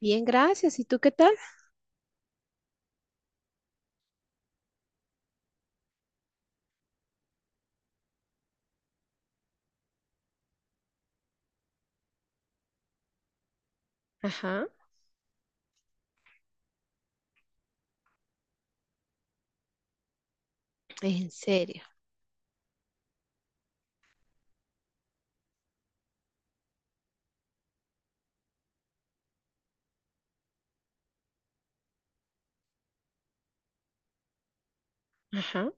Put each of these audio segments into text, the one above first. Bien, gracias. ¿Y tú qué tal? Ajá. En serio. Ajá.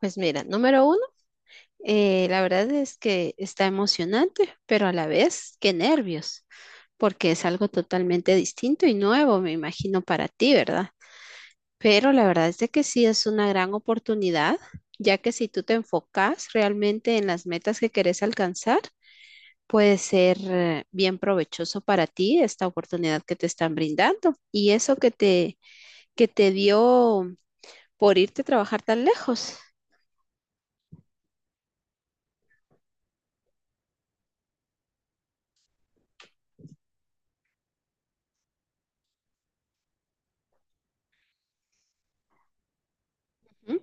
Pues mira, número uno, la verdad es que está emocionante, pero a la vez, qué nervios, porque es algo totalmente distinto y nuevo, me imagino, para ti, ¿verdad? Pero la verdad es de que sí es una gran oportunidad, ya que si tú te enfocas realmente en las metas que querés alcanzar, puede ser bien provechoso para ti esta oportunidad que te están brindando. Y eso que te dio. Por irte a trabajar tan lejos. Ujú.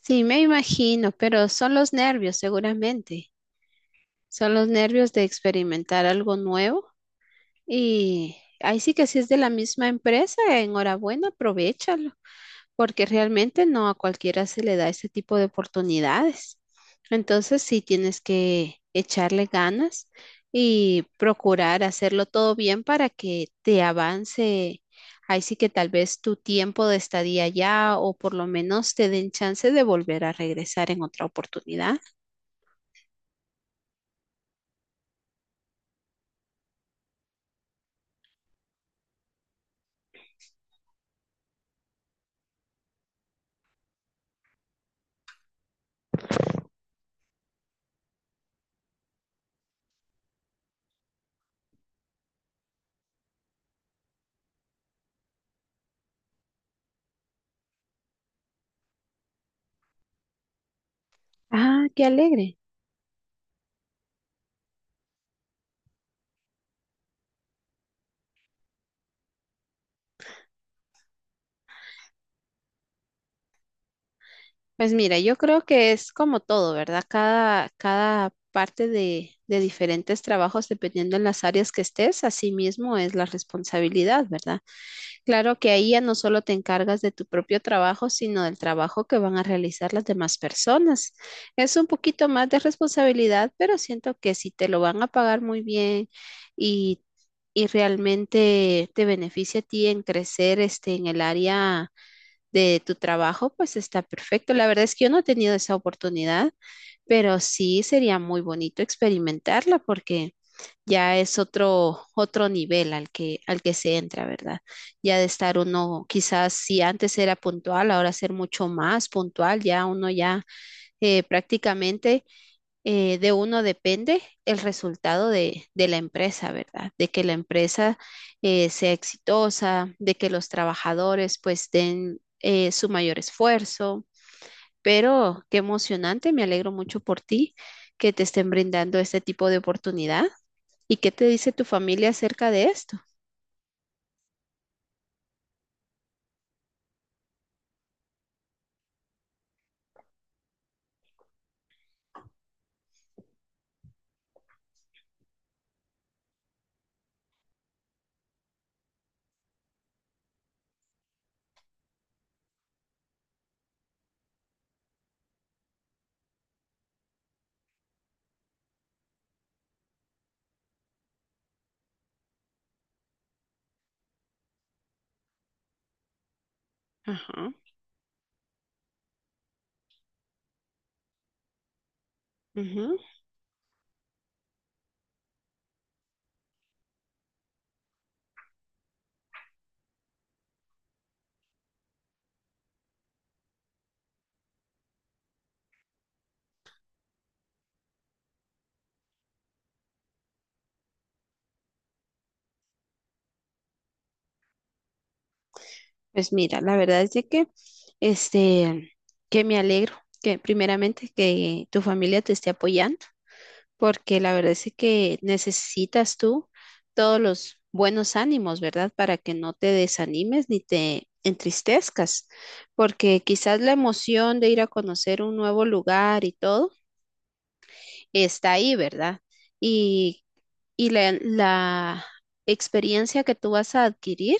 Sí, me imagino, pero son los nervios, seguramente. Son los nervios de experimentar algo nuevo. Y ahí sí que si es de la misma empresa, enhorabuena, aprovechalo. Porque realmente no a cualquiera se le da ese tipo de oportunidades. Entonces sí tienes que echarle ganas y procurar hacerlo todo bien para que te avance. Ahí sí que tal vez tu tiempo de estadía ya o por lo menos te den chance de volver a regresar en otra oportunidad. Ah, qué alegre. Pues mira, yo creo que es como todo, ¿verdad? Cada parte de diferentes trabajos, dependiendo en las áreas que estés, así mismo es la responsabilidad, ¿verdad? Claro que ahí ya no solo te encargas de tu propio trabajo, sino del trabajo que van a realizar las demás personas. Es un poquito más de responsabilidad, pero siento que si te lo van a pagar muy bien y, y realmente te beneficia a ti en crecer este, en el área de tu trabajo, pues está perfecto. La verdad es que yo no he tenido esa oportunidad, pero sí sería muy bonito experimentarla porque ya es otro, otro nivel al al que se entra, ¿verdad? Ya de estar uno, quizás si antes era puntual, ahora ser mucho más puntual, ya uno ya prácticamente de uno depende el resultado de la empresa, ¿verdad? De que la empresa sea exitosa, de que los trabajadores pues den su mayor esfuerzo. Pero qué emocionante, me alegro mucho por ti que te estén brindando este tipo de oportunidad. ¿Y qué te dice tu familia acerca de esto? Ajá. Ujú. Pues mira, la verdad es de que, este, que me alegro que primeramente que tu familia te esté apoyando. Porque la verdad es que necesitas tú todos los buenos ánimos, ¿verdad? Para que no te desanimes ni te entristezcas, porque quizás la emoción de ir a conocer un nuevo lugar y todo está ahí, ¿verdad? Y, y la experiencia que tú vas a adquirir,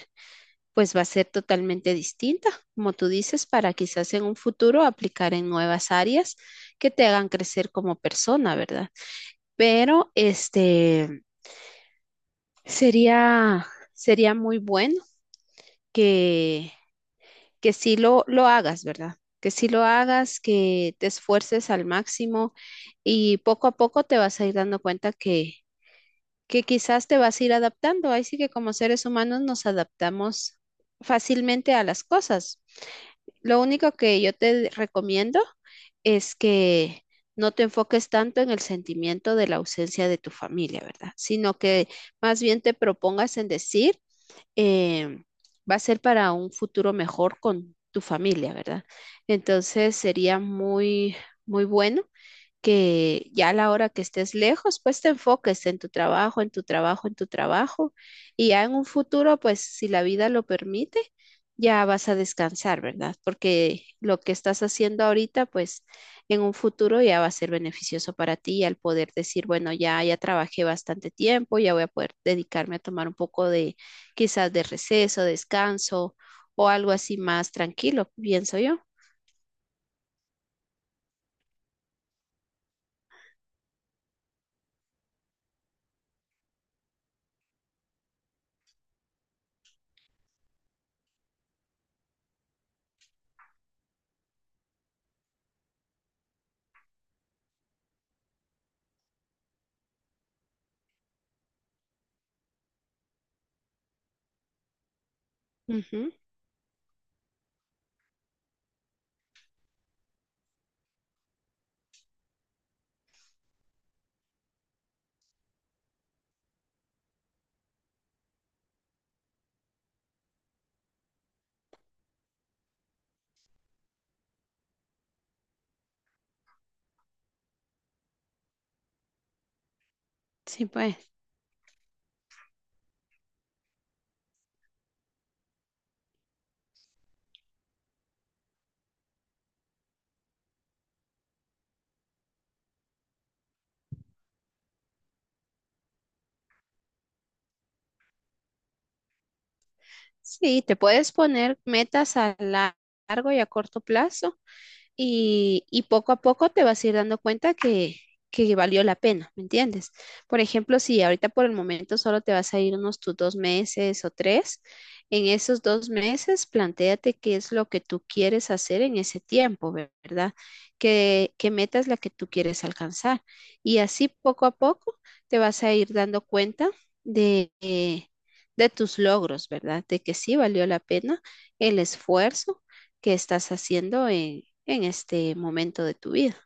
pues va a ser totalmente distinta, como tú dices, para quizás en un futuro aplicar en nuevas áreas que te hagan crecer como persona, ¿verdad? Pero este... Sería, sería muy bueno que, que sí lo hagas, ¿verdad? Que sí lo hagas, que te esfuerces al máximo y poco a poco te vas a ir dando cuenta que quizás te vas a ir adaptando. Ahí sí que como seres humanos nos adaptamos fácilmente a las cosas. Lo único que yo te recomiendo es que no te enfoques tanto en el sentimiento de la ausencia de tu familia, ¿verdad? Sino que más bien te propongas en decir eh, va a ser para un futuro mejor con tu familia, ¿verdad? Entonces sería muy bueno que ya a la hora que estés lejos, pues te enfoques en tu trabajo, en tu trabajo, en tu trabajo, y ya en un futuro, pues si la vida lo permite, ya vas a descansar, ¿verdad? Porque lo que estás haciendo ahorita, pues en un futuro ya va a ser beneficioso para ti al poder decir, bueno, ya trabajé bastante tiempo, ya voy a poder dedicarme a tomar un poco de quizás de receso, descanso o algo así más tranquilo, pienso yo. Ujú. Sí, pues. Sí, te puedes poner metas a la- largo y a corto plazo y poco a poco te vas a ir dando cuenta que valió la pena, ¿me entiendes? Por ejemplo, si ahorita por el momento solo te vas a ir unos tus dos meses o tres, en esos dos meses plantéate qué es lo que tú quieres hacer en ese tiempo, ver- ¿verdad? ¿Qué meta es la que tú quieres alcanzar? Y así poco a poco te vas a ir dando cuenta de, eh, de tus logros, ¿verdad? De que sí valió la pena el esfuerzo que estás haciendo en este momento de tu vida.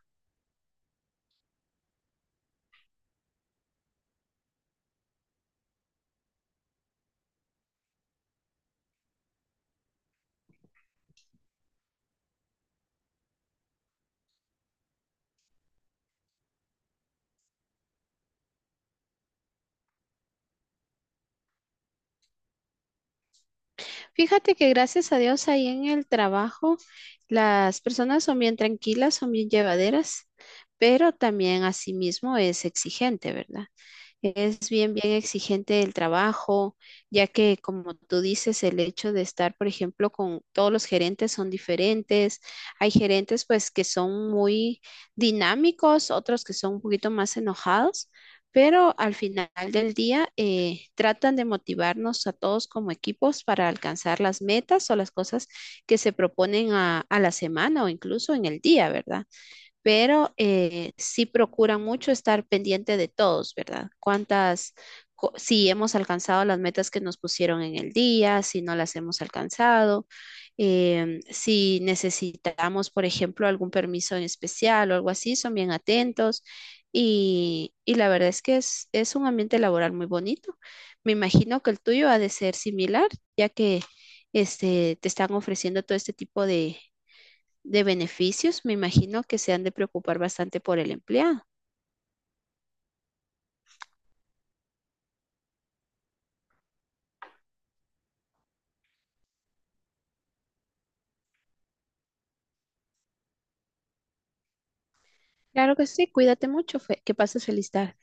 Fíjate que gracias a Dios ahí en el trabajo las personas son bien tranquilas, son bien llevaderas, pero también asimismo es exigente, ¿verdad? Es bien exigente el trabajo, ya que como tú dices, el hecho de estar, por ejemplo, con todos los gerentes son diferentes. Hay gerentes pues que son muy dinámicos, otros que son un poquito más enojados, pero al final del día tratan de motivarnos a todos como equipos para alcanzar las metas o las cosas que se proponen a la semana o incluso en el día, ¿verdad? Pero sí procuran mucho estar pendiente de todos, ¿verdad? Si hemos alcanzado las metas que nos pusieron en el día, si no las hemos alcanzado, si necesitamos, por ejemplo, algún permiso en especial o algo así, son bien atentos. Y la verdad es que es un ambiente laboral muy bonito. Me imagino que el tuyo ha de ser similar, ya que este, te están ofreciendo todo este tipo de beneficios, me imagino que se han de preocupar bastante por el empleado. Claro que sí, cuídate mucho, Fe- que pases feliz tarde.